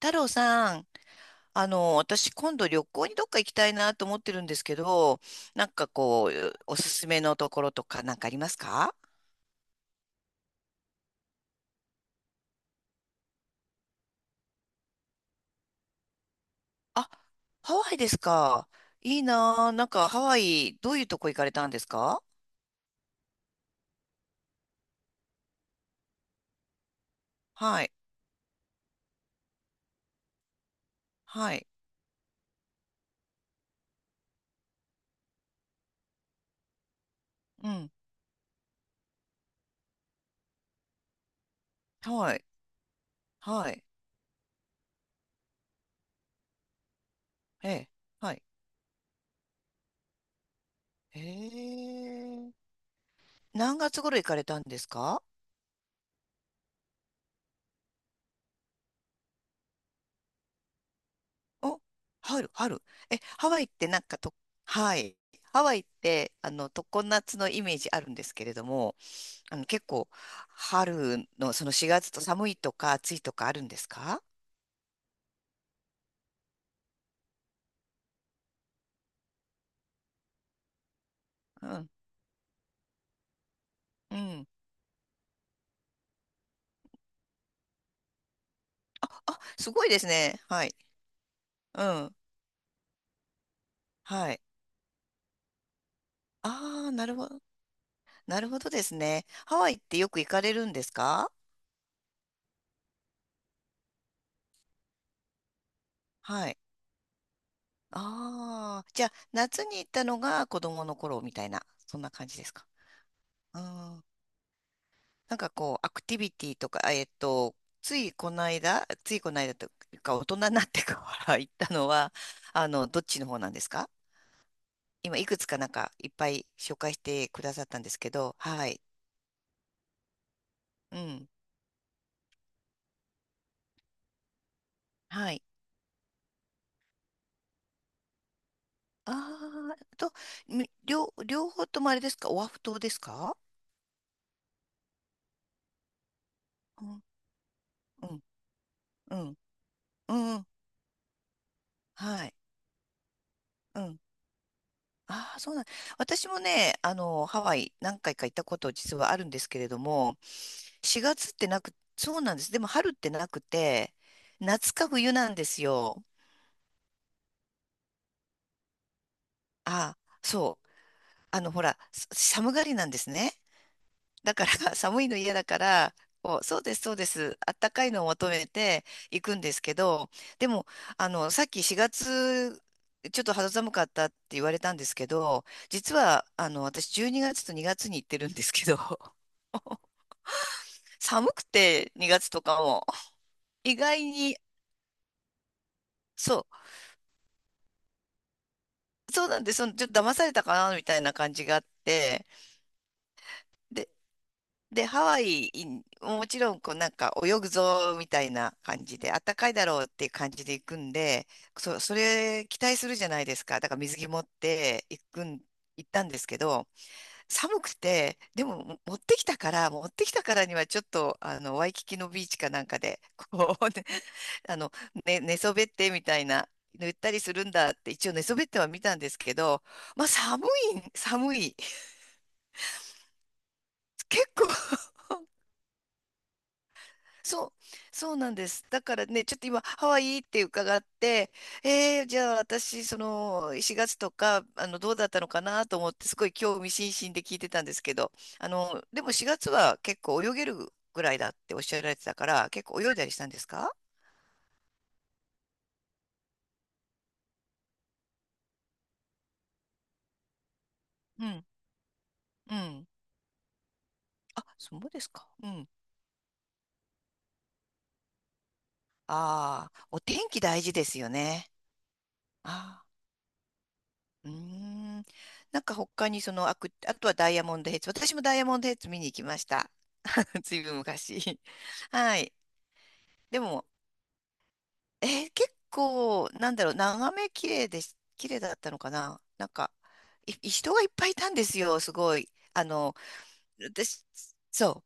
太郎さん、私今度旅行にどっか行きたいなと思ってるんですけど、なんかこう、おすすめのところとかなんかありますか？あ、ハワイですか。いいなぁ。なんかハワイ、どういうとこ行かれたんですか？はい、はい、うん、はい、はい、ええ、はい。ええ。何月頃行かれたんですか？お、春、春。え、ハワイってなんかと、はい。ハワイって、常夏のイメージあるんですけれども、結構、春のその4月と寒いとか暑いとかあるんですか？うん。うん。あ、すごいですね。はい。うん。はい。ああ、なるほど。なるほどですね。ハワイってよく行かれるんですか？はい。ああ、じゃあ、夏に行ったのが子供の頃みたいな、そんな感じですか？うん。なんかこう、アクティビティとか、ついこの間というか、大人になってから行ったのは、どっちの方なんですか？今いくつかなんかいっぱい紹介してくださったんですけど、はい。うん。はい。ああ、と、両方ともあれですかオアフ島ですか？うん、うん、うん、うんうん。はい。うん。ああ、そうなん。私もね、ハワイ何回か行ったこと実はあるんですけれども、4月ってなく、そうなんです。でも春ってなくて、夏か冬なんですよ。ああ、そう。ほら、寒がりなんですね。だから 寒いの嫌だから、こう、そうです、そうです。あったかいのを求めて行くんですけど、でも、さっき4月、ちょっと肌寒かったって言われたんですけど、実は、私12月と2月に行ってるんですけど、寒くて2月とかも、意外に、そう、そうなんです、そのちょっと騙されたかな、みたいな感じがあって、でで、ハワイ、もちろん、こう、なんか、泳ぐぞ、みたいな感じで、あったかいだろうっていう感じで行くんで、それ、期待するじゃないですか。だから、水着持って行くん、行ったんですけど、寒くて、でも、持ってきたからには、ちょっと、ワイキキのビーチかなんかで、こう、ね、あの、ね、寝そべって、みたいな、言ったりするんだって、一応寝そべっては見たんですけど、まあ、寒い、寒い。結構そう、そうなんです。だからね、ちょっと今、ハワイって伺って、じゃあ私、その、4月とか、どうだったのかなと思って、すごい興味津々で聞いてたんですけど、でも4月は結構泳げるぐらいだっておっしゃられてたから、結構泳いだりしたんですか？うん、うん。あ、そうですか。うん。ああ、お天気大事ですよね。ああ、うーん。なんか他にその、あとはダイヤモンドヘッズ。私もダイヤモンドヘッズ見に行きました。ずいぶん昔。はい。でも、結構、なんだろう、眺め綺麗だったのかななんか、人がいっぱいいたんですよ、すごい。私、そう、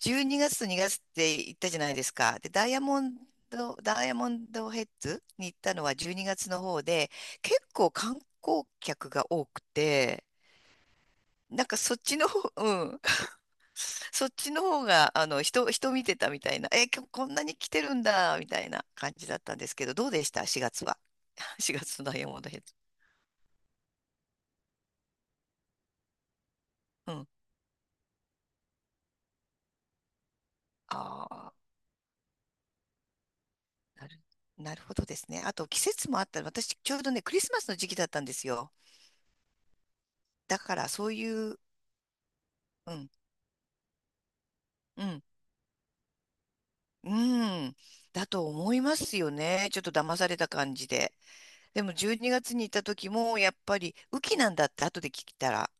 12月と2月って行ったじゃないですか。で、ダイヤモンドヘッズに行ったのは12月の方で、結構観光客が多くて、なんかそっちの方、うん、そっちの方が、人見てたみたいな、え、今日こんなに来てるんだ、みたいな感じだったんですけど、どうでした？ 4 月は？4月のダイヘッド。うん。ああ、なる、なるほどですね。あと、季節もあった私、ちょうどね、クリスマスの時期だったんですよ。だから、そういう、うん、うん、うん、だと思いますよね。ちょっと騙された感じで。でも、12月にがつに行った時も、やっぱり、雨季なんだって、後で聞いたら、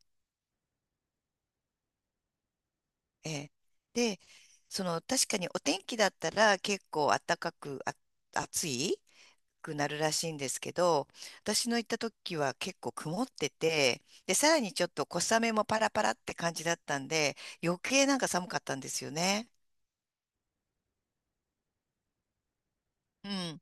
ええで、その確かにお天気だったら結構暖かくあ暑いくなるらしいんですけど、私の行った時は結構曇ってて、で、さらにちょっと小雨もパラパラって感じだったんで、余計なんか寒かったんですよね。うん。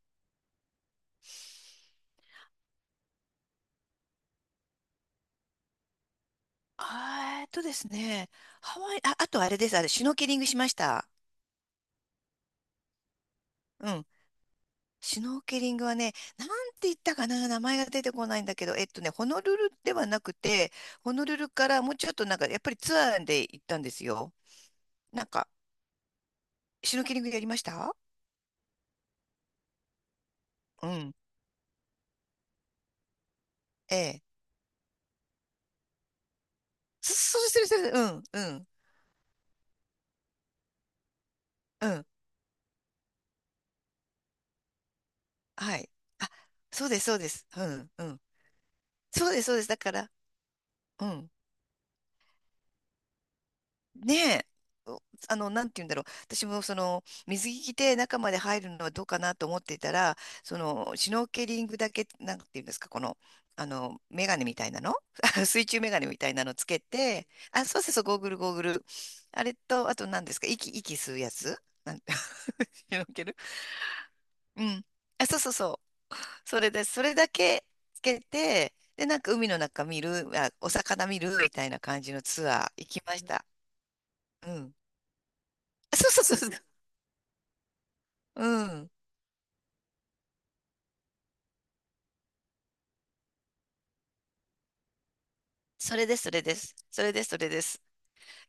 ですね、ハワイ、あ、あとあれです、シュノーケリングしました。うん。シュノーケリングはね、なんて言ったかな、名前が出てこないんだけど、ホノルルではなくて、ホノルルからもうちょっとなんか、やっぱりツアーで行ったんですよ。なんか、シュノーケリングやりました？うん。ええ。そ、そうです、そうです。うん、うん、うん。はい。あ、そうです、そうです。うん、うん。そうです、そうです。だから、うん。ねえ、おあの、なんて言うんだろう。私もその、水着着て中まで入るのはどうかなと思っていたら、その、シュノーケリングだけ、なんて言うんですか、この、メガネみたいなの 水中メガネみたいなのつけて、あ、そうそうそう、ゴーグル、ゴーグル。あれと、あと何ですか、息吸うやつ なんて、シュノーケル。うん。あ、そうそうそう。それで、それだけつけて、で、なんか海の中見る、あ、お魚見るみたいな感じのツアー行きました。うん。あそうそうそう。うん。それです、それです。それです、それです。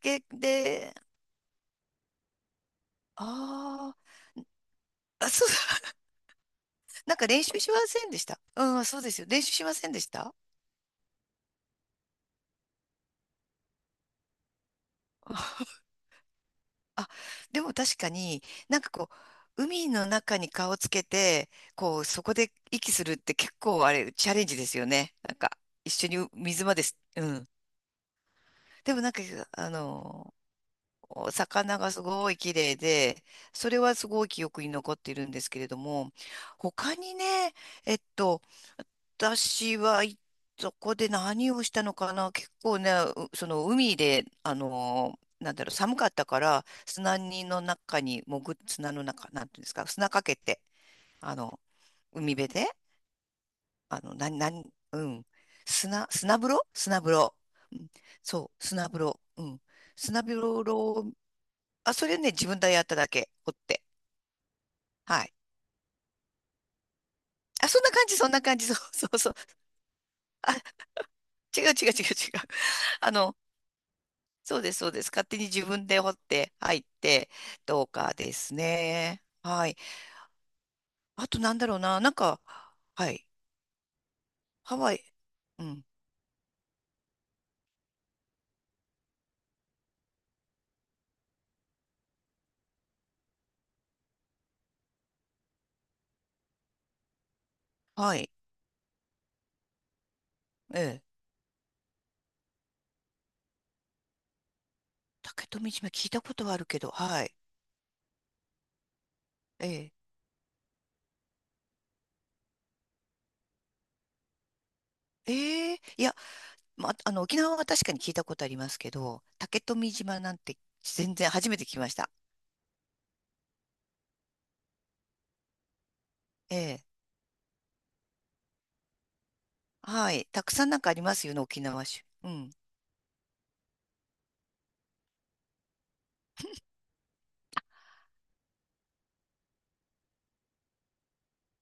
で、あそう、なんか練習しませんでした。うん、そうですよ。練習しませんでした。あ、でも確かになんかこう、海の中に顔つけて、こう、そこで息するって結構あれ、チャレンジですよね。なんか、一緒に水まです。うん。でもなんか、あの、お魚がすごい綺麗で、それはすごい記憶に残っているんですけれども、他にね、えっと、私は、そこで何をしたのかな結構ね、その海で、なんだろう、寒かったから、砂にの中に潜っ、砂の中、なんていうんですか、砂かけて、あの、海辺で、あの、な、なうん、砂風呂砂風呂。うん。そう、砂風呂。うん。砂風呂を、あ、それね、自分でやっただけ、掘って。はい。あ、そんな感じ、そんな感じ、そうそうそう。あ、違う違う違う違う。あの、そうです、そうです。勝手に自分で掘って入って、どうかですね。はい。あとなんだろうな。なんか、はい。ハワイ、うん。はい。ええ。竹富島聞いたことはあるけど、はい。ええ。ええ。いや、ま、沖縄は確かに聞いたことありますけど、竹富島なんて全然初めて聞きました。ええ。はい。たくさんなんかありますよね、沖縄市。うん。